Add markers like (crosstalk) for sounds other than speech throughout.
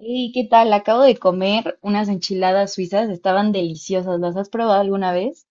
¿Y qué tal? Acabo de comer unas enchiladas suizas, estaban deliciosas. ¿Las has probado alguna vez?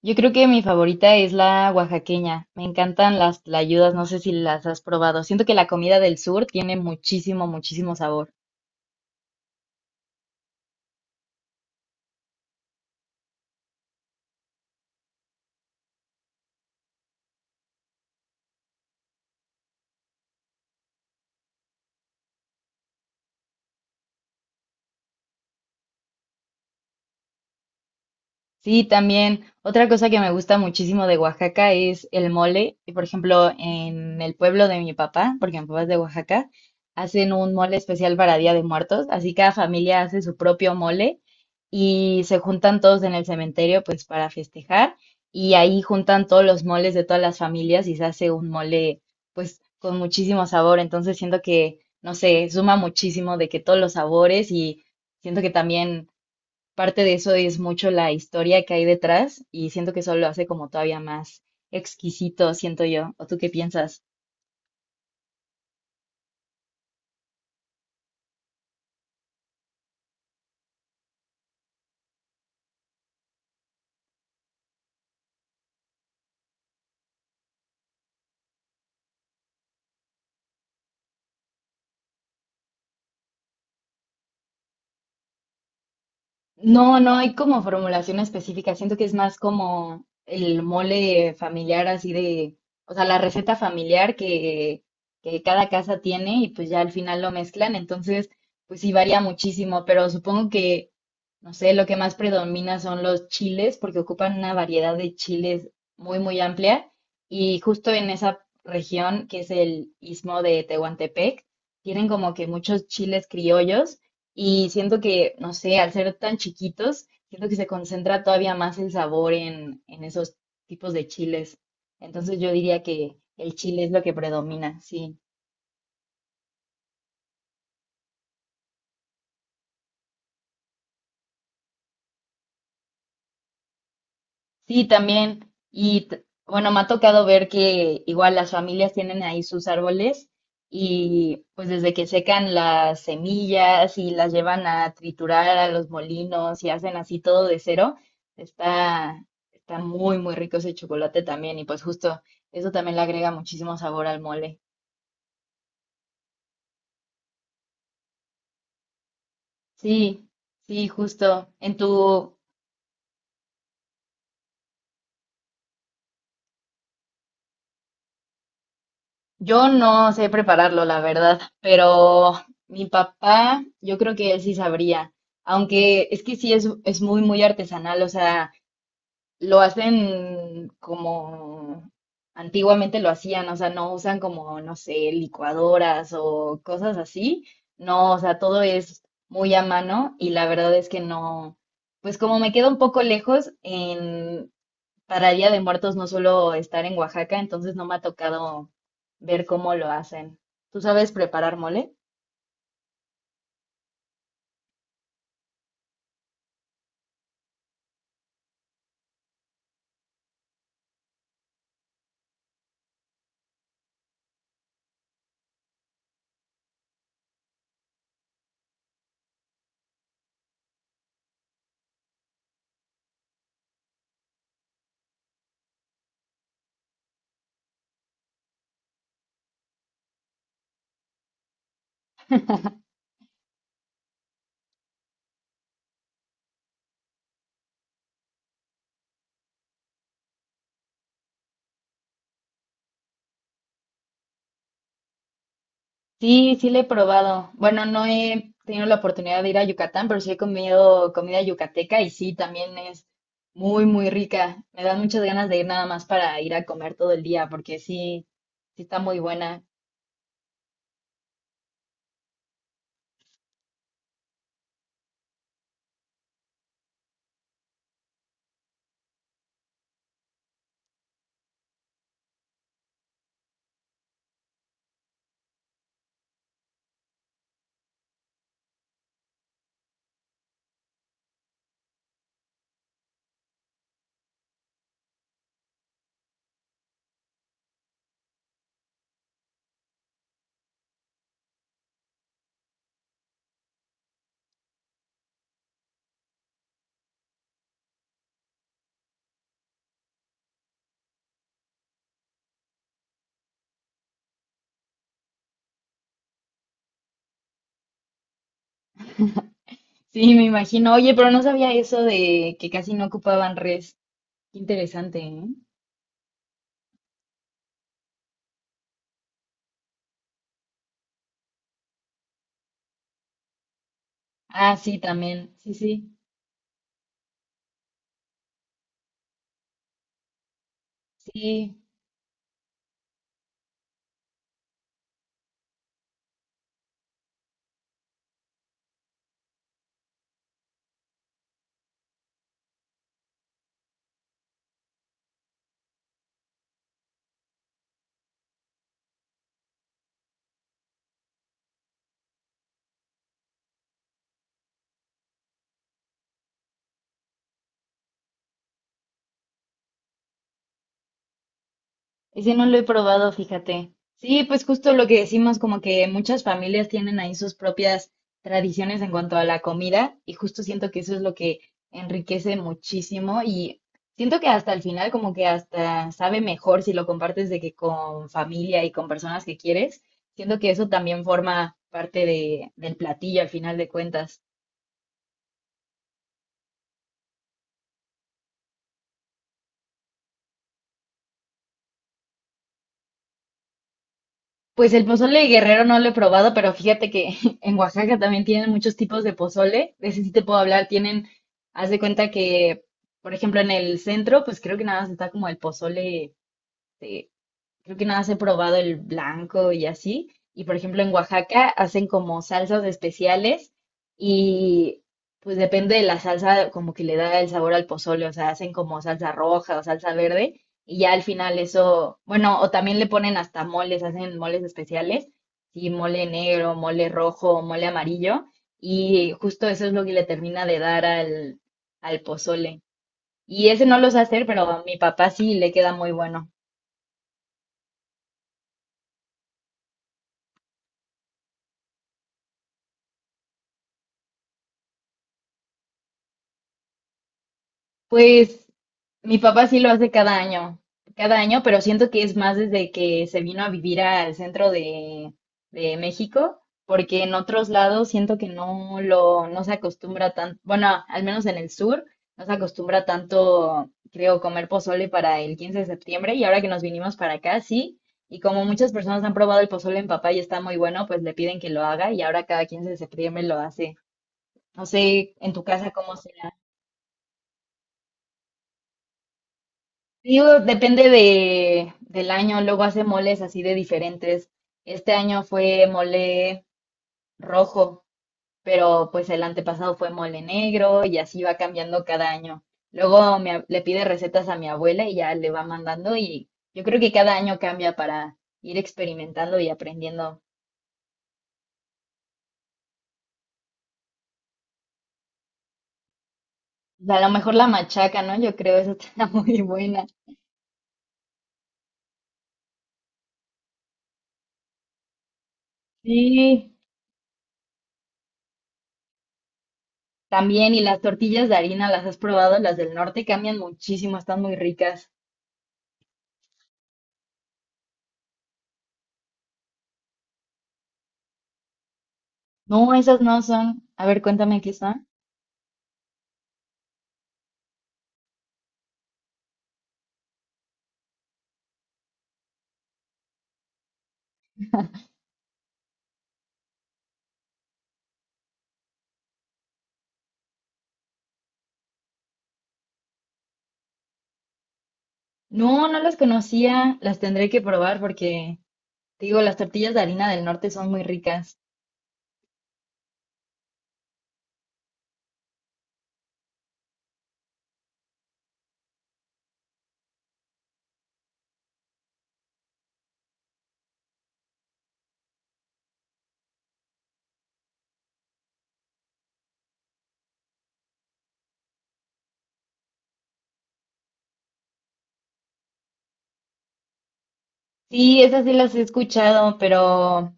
Yo creo que mi favorita es la oaxaqueña. Me encantan las tlayudas, no sé si las has probado. Siento que la comida del sur tiene muchísimo, muchísimo sabor. Sí, también. Otra cosa que me gusta muchísimo de Oaxaca es el mole. Y por ejemplo, en el pueblo de mi papá, porque mi papá es de Oaxaca, hacen un mole especial para Día de Muertos. Así cada familia hace su propio mole y se juntan todos en el cementerio, pues para festejar. Y ahí juntan todos los moles de todas las familias y se hace un mole, pues con muchísimo sabor. Entonces siento que, no sé, suma muchísimo de que todos los sabores y siento que también parte de eso es mucho la historia que hay detrás, y siento que eso lo hace como todavía más exquisito, siento yo. ¿O tú qué piensas? No, no hay como formulación específica. Siento que es más como el mole familiar, así de, o sea, la receta familiar que cada casa tiene y pues ya al final lo mezclan. Entonces, pues sí varía muchísimo, pero supongo que, no sé, lo que más predomina son los chiles, porque ocupan una variedad de chiles muy, muy amplia. Y justo en esa región, que es el istmo de Tehuantepec, tienen como que muchos chiles criollos y siento que, no sé, al ser tan chiquitos, siento que se concentra todavía más el sabor en esos tipos de chiles. Entonces yo diría que el chile es lo que predomina, sí. Sí, también. Bueno, me ha tocado ver que igual las familias tienen ahí sus árboles y pues desde que secan las semillas y las llevan a triturar a los molinos y hacen así todo de cero, está, está muy, muy rico ese chocolate también y pues justo eso también le agrega muchísimo sabor al mole. Sí, sí, justo. En tu, yo no sé prepararlo, la verdad, pero mi papá, yo creo que él sí sabría, aunque es que sí es muy, muy artesanal, o sea, lo hacen como antiguamente lo hacían, o sea, no usan como, no sé, licuadoras o cosas así, no, o sea, todo es muy a mano y la verdad es que no, pues como me queda un poco lejos, para Día de Muertos no suelo estar en Oaxaca, entonces no me ha tocado ver cómo lo hacen. ¿Tú sabes preparar mole? Sí, sí le he probado. Bueno, no he tenido la oportunidad de ir a Yucatán, pero sí he comido comida yucateca y sí, también es muy, muy rica. Me dan muchas ganas de ir nada más para ir a comer todo el día, porque sí, sí está muy buena. Sí, me imagino. Oye, pero no sabía eso de que casi no ocupaban res. Qué interesante, ¿eh? Ah, sí, también. Sí, sí. Sí, ese no lo he probado, fíjate. Sí, pues justo lo que decimos, como que muchas familias tienen ahí sus propias tradiciones en cuanto a la comida, y justo siento que eso es lo que enriquece muchísimo y siento que hasta el final como que hasta sabe mejor si lo compartes de que con familia y con personas que quieres. Siento que eso también forma parte del platillo al final de cuentas. Pues el pozole de guerrero no lo he probado, pero fíjate que (laughs) en Oaxaca también tienen muchos tipos de pozole. De ese sí te puedo hablar. Tienen, haz de cuenta que, por ejemplo, en el centro, pues creo que nada más está como el pozole, creo que nada más he probado el blanco y así. Y por ejemplo, en Oaxaca hacen como salsas especiales y pues depende de la salsa, como que le da el sabor al pozole, o sea, hacen como salsa roja o salsa verde y ya al final eso, bueno, o también le ponen hasta moles, hacen moles especiales, sí, mole negro, mole rojo, mole amarillo, y justo eso es lo que le termina de dar al pozole. Y ese no lo sé hacer, pero a mi papá sí le queda muy bueno. Pues mi papá sí lo hace cada año, pero siento que es más desde que se vino a vivir al centro de México, porque en otros lados siento que no lo, no se acostumbra tanto, bueno, al menos en el sur, no se acostumbra tanto, creo, comer pozole para el 15 de septiembre, y ahora que nos vinimos para acá, sí, y como muchas personas han probado el pozole en papá y está muy bueno, pues le piden que lo haga, y ahora cada 15 de septiembre lo hace. No sé en tu casa cómo sea. Digo, depende del año, luego hace moles así de diferentes. Este año fue mole rojo, pero pues el antepasado fue mole negro y así va cambiando cada año. Luego le pide recetas a mi abuela y ya le va mandando y yo creo que cada año cambia para ir experimentando y aprendiendo. A lo mejor la machaca, ¿no? Yo creo eso está (laughs) muy buena. Sí, también y las tortillas de harina, ¿las has probado? Las del norte cambian muchísimo, están muy ricas. No, esas no son. A ver, cuéntame qué son. No, no las conocía. Las tendré que probar porque, te digo, las tortillas de harina del norte son muy ricas. Sí, esas sí las he escuchado, pero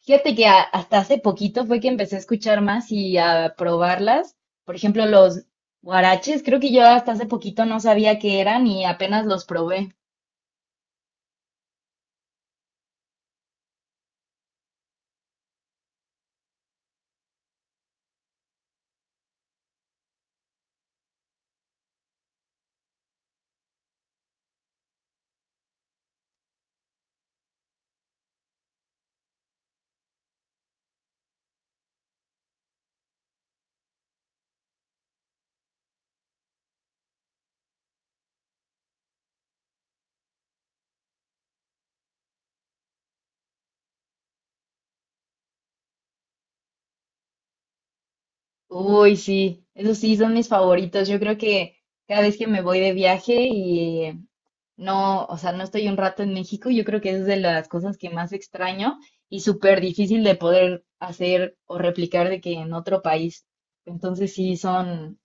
fíjate que hasta hace poquito fue que empecé a escuchar más y a probarlas. Por ejemplo, los guaraches, creo que yo hasta hace poquito no sabía qué eran y apenas los probé. Uy, sí, esos sí son mis favoritos. Yo creo que cada vez que me voy de viaje y no, o sea, no estoy un rato en México, yo creo que es de las cosas que más extraño y súper difícil de poder hacer o replicar de que en otro país. Entonces sí, son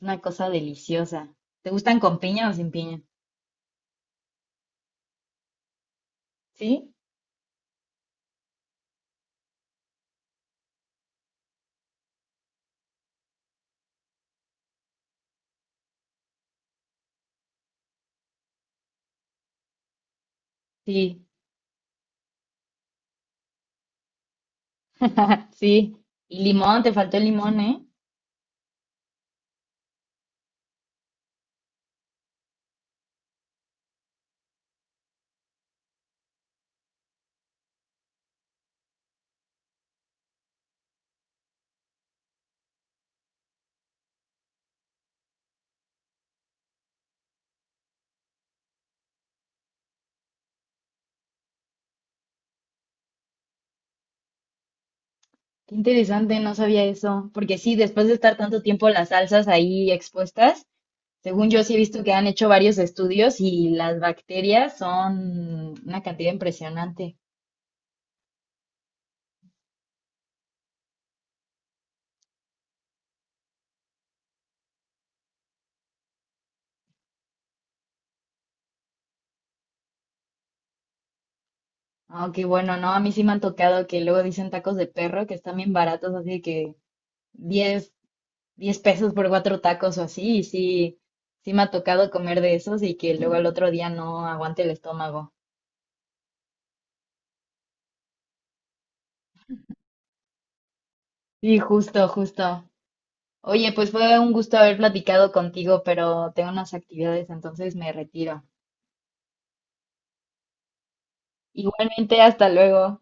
una cosa deliciosa. ¿Te gustan con piña o sin piña? Sí, sí, (laughs) sí. Y limón, te faltó el limón, ¿eh? Qué interesante, no sabía eso. Porque sí, después de estar tanto tiempo las salsas ahí expuestas, según yo sí he visto que han hecho varios estudios y las bacterias son una cantidad impresionante. Aunque bueno, no, a mí sí me han tocado que luego dicen tacos de perro que están bien baratos, así de que 10 10 pesos por cuatro tacos o así, y sí, sí me ha tocado comer de esos y que luego al otro día no aguante el estómago. Sí, justo, justo. Oye, pues fue un gusto haber platicado contigo, pero tengo unas actividades, entonces me retiro. Igualmente, hasta luego.